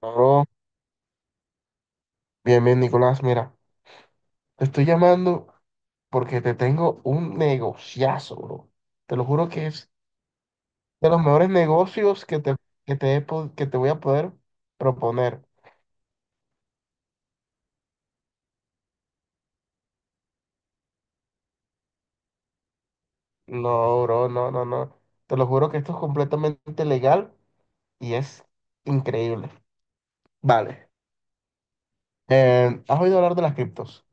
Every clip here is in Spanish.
Bro, bien, bien, Nicolás. Mira, te estoy llamando porque te tengo un negociazo, bro. Te lo juro que es de los mejores negocios que te voy a poder proponer. No, bro, no, no, no. Te lo juro que esto es completamente legal y es increíble. Vale. ¿Has oído hablar de las criptos?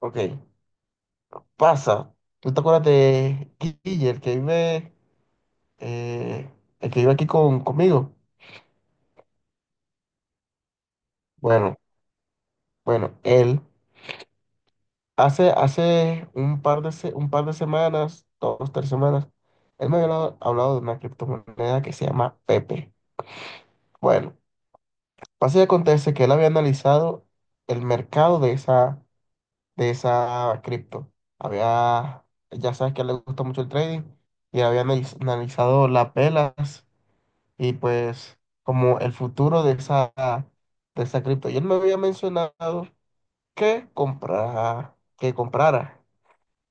Ok, pasa. ¿Tú te acuerdas de Guille, eh, el que vive aquí conmigo? Bueno, bueno, él. Hace un un par de semanas, dos, tres semanas, él me había hablado de una criptomoneda que se llama Pepe. Bueno, pasa y acontece que él había analizado el mercado de esa cripto. Había, ya sabes que a él le gusta mucho el trading y había analizado las velas y pues como el futuro de esa cripto. Y él me había mencionado que comprara.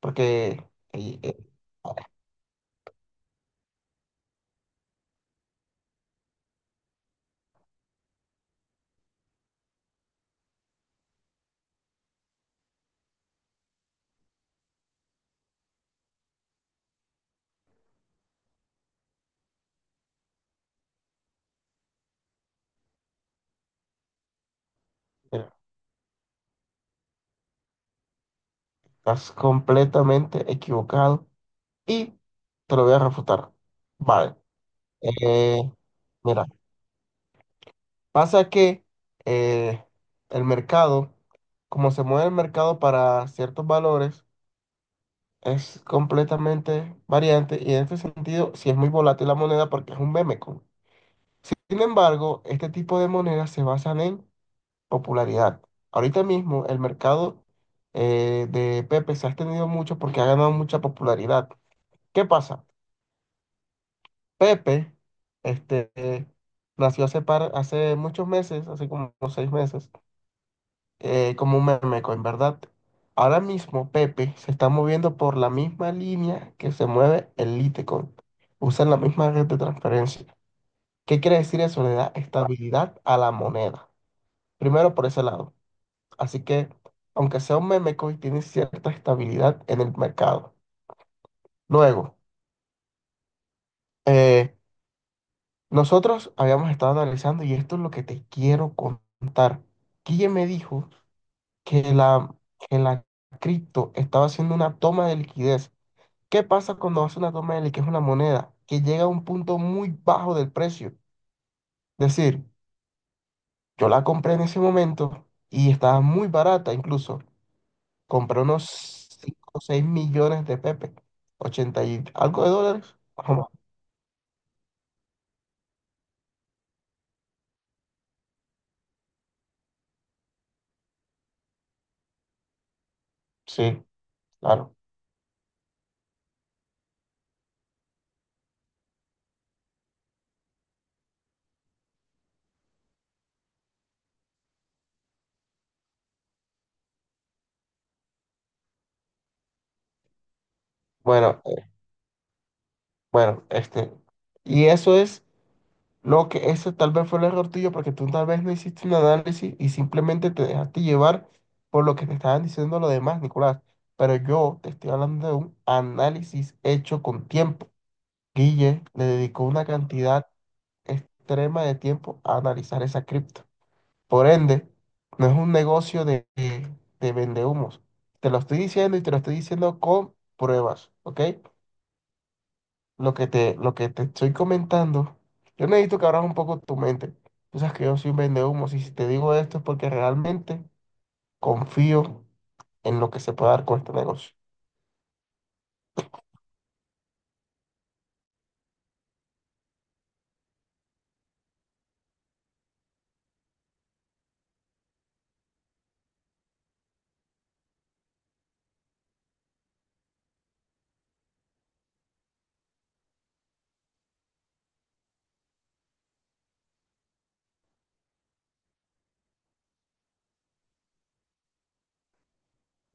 Porque eh, estás completamente equivocado y te lo voy a refutar. Vale. Eh, Mira, pasa que eh, el mercado, como se mueve el mercado para ciertos valores, es completamente variante y en este sentido sí es muy volátil la moneda porque es un meme coin. Sin embargo, este tipo de monedas se basan en popularidad. Ahorita mismo el mercado de Pepe se ha extendido mucho porque ha ganado mucha popularidad. ¿Qué pasa? Pepe este, nació hace, hace muchos meses, así como unos 6 meses, como un meme, en verdad. Ahora mismo Pepe se está moviendo por la misma línea que se mueve el Litecoin. Usan la misma red de transferencia. ¿Qué quiere decir eso? Le da estabilidad a la moneda. Primero por ese lado. Así que, aunque sea un meme coin, tiene cierta estabilidad en el mercado. Luego, eh, nosotros habíamos estado analizando, y esto es lo que te quiero contar. Guille me dijo que la, que la cripto estaba haciendo una toma de liquidez. ¿Qué pasa cuando hace una toma de liquidez una moneda? Que llega a un punto muy bajo del precio. Es decir, yo la compré en ese momento y estaba muy barata incluso. Compré unos 5 o 6 millones de Pepe, 80 y algo de dólares. Ajá, sí, claro. Bueno, bueno, este, y eso es lo que, eso tal vez fue el error tuyo, porque tú tal vez no hiciste un análisis y simplemente te dejaste llevar por lo que te estaban diciendo los demás, Nicolás. Pero yo te estoy hablando de un análisis hecho con tiempo. Guille le dedicó una cantidad extrema de tiempo a analizar esa cripto. Por ende, no es un negocio de vendehumos. Te lo estoy diciendo y te lo estoy diciendo con pruebas, ¿ok? Lo que te estoy comentando, yo necesito que abras un poco tu mente. Tú sabes que yo soy un vendehumos y si te digo esto es porque realmente confío en lo que se puede dar con este negocio.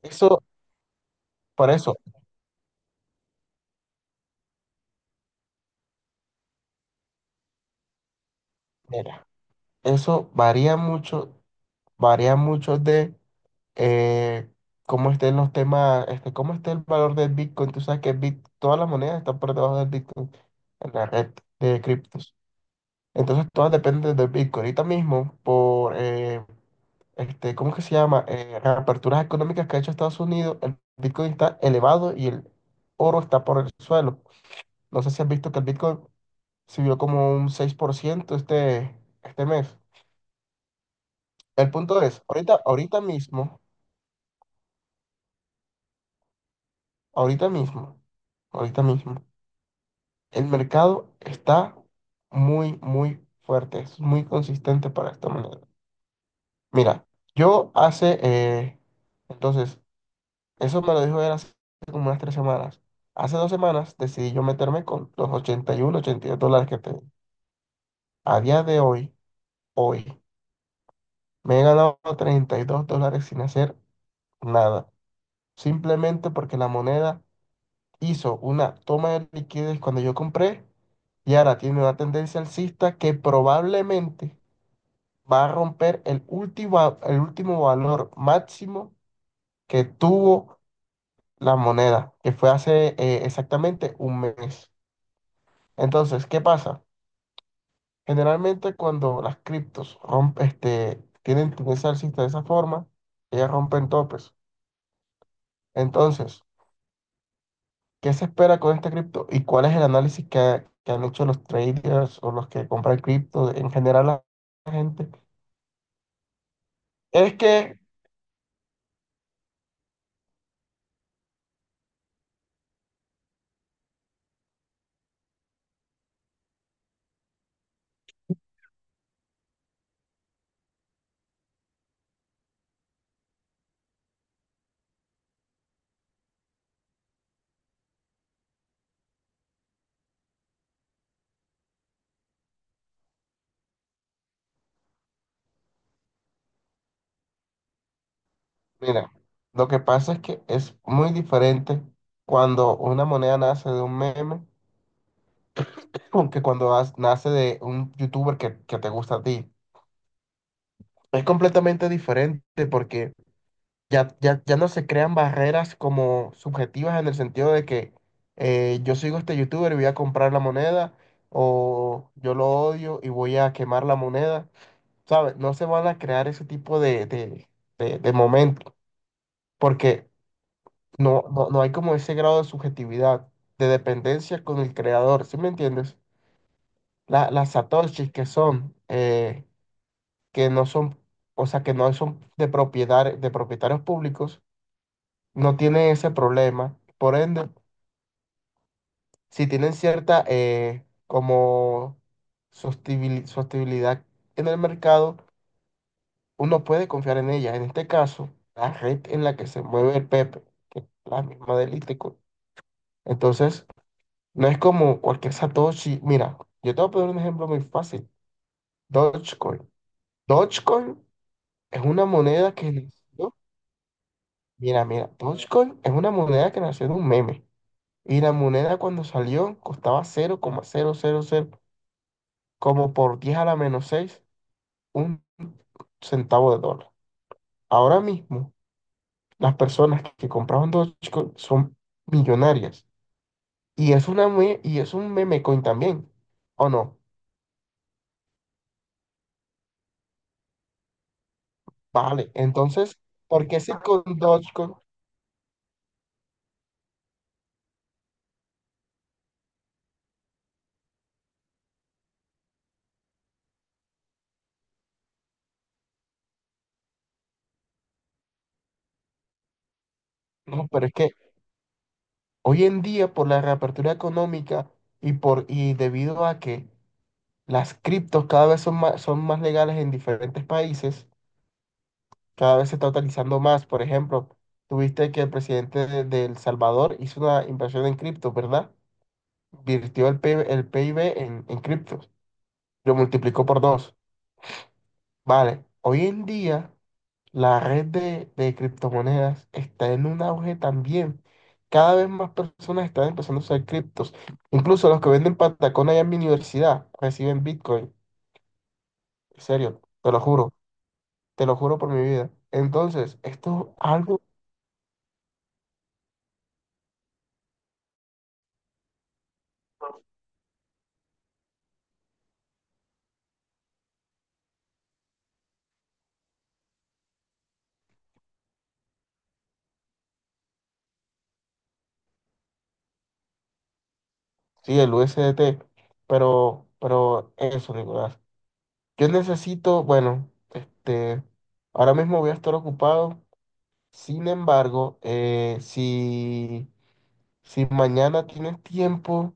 Eso, por eso, mira, eso varía mucho de eh, cómo estén los temas, este, cómo esté el valor del Bitcoin. Tú sabes que Bit, todas las monedas están por debajo del Bitcoin en la red de criptos. Entonces, todas dependen del Bitcoin. Ahorita mismo, este, ¿cómo que se llama? Reaperturas económicas que ha hecho Estados Unidos, el Bitcoin está elevado y el oro está por el suelo. No sé si has visto que el Bitcoin subió como un 6% este mes. El punto es, ahorita mismo, ahorita mismo. El mercado está muy, muy fuerte, es muy consistente para esta moneda. Mira, yo hace, eh, entonces, eso me lo dijo él hace como unas 3 semanas. Hace 2 semanas decidí yo meterme con los ochenta y dos dólares que tengo. A día de hoy, hoy, me he ganado $32 sin hacer nada. Simplemente porque la moneda hizo una toma de liquidez cuando yo compré y ahora tiene una tendencia alcista que probablemente va a romper el último valor máximo que tuvo la moneda, que fue hace exactamente un mes. Entonces, ¿qué pasa? Generalmente cuando las criptos rompen, este, tienen tendencia alcista de esa forma, ellas rompen topes. Entonces, ¿qué se espera con esta cripto y cuál es el análisis que han hecho los traders o los que compran cripto en general la gente? Es que Mira, lo que pasa es que es muy diferente cuando una moneda nace de un meme con que cuando nace de un youtuber que te gusta a ti. Es completamente diferente porque ya, ya, ya no se crean barreras como subjetivas en el sentido de que yo sigo a este youtuber y voy a comprar la moneda o yo lo odio y voy a quemar la moneda. ¿Sabes? No se van a crear ese tipo de momentos porque no, no, no hay como ese grado de subjetividad, de dependencia con el creador, ¿sí me entiendes? La- las satoshis que no son, o sea, que no son de propietarios públicos, no tienen ese problema. Por ende, si tienen cierta como sostenibilidad en el mercado, uno puede confiar en ella. En este caso, la red en la que se mueve el Pepe, que es la misma del Itico. Entonces, no es como cualquier Satoshi. Mira, yo te voy a poner un ejemplo muy fácil. Dogecoin. Dogecoin es una moneda que nació. Mira, mira, Dogecoin es una moneda que nació de un meme. Y la moneda cuando salió costaba cero coma cero como por 10 a la menos 6 un centavo de dólar. Ahora mismo, las personas que compraban Dogecoin son millonarias. Y es y es un meme coin también. ¿O no? Vale, entonces, ¿por qué sí con Dogecoin? No, pero es que hoy en día por la reapertura económica y debido a que las criptos cada vez son más legales en diferentes países, cada vez se está utilizando más. Por ejemplo, tuviste que el presidente de El Salvador hizo una inversión en cripto, ¿verdad? Virtió el PIB en criptos, lo multiplicó por dos. Vale, hoy en día la red de criptomonedas está en un auge también. Cada vez más personas están empezando a usar criptos. Incluso los que venden patacón allá en mi universidad reciben Bitcoin. En serio, te lo juro por mi vida. Entonces, esto es algo, sí, el USDT, pero eso, Nicolás. Yo necesito, bueno, este, ahora mismo voy a estar ocupado. Sin embargo, si mañana tienes tiempo.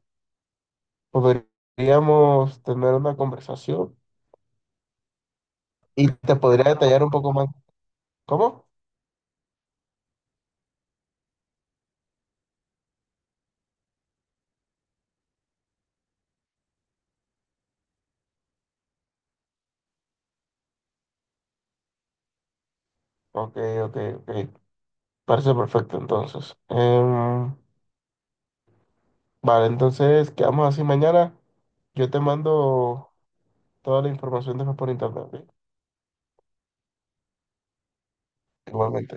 Podríamos tener una conversación y te podría detallar un poco más. ¿Cómo? Ok, ok, ok. Parece perfecto entonces. Vale, entonces quedamos así mañana. Yo te mando toda la información después por internet, ¿ok? Igualmente.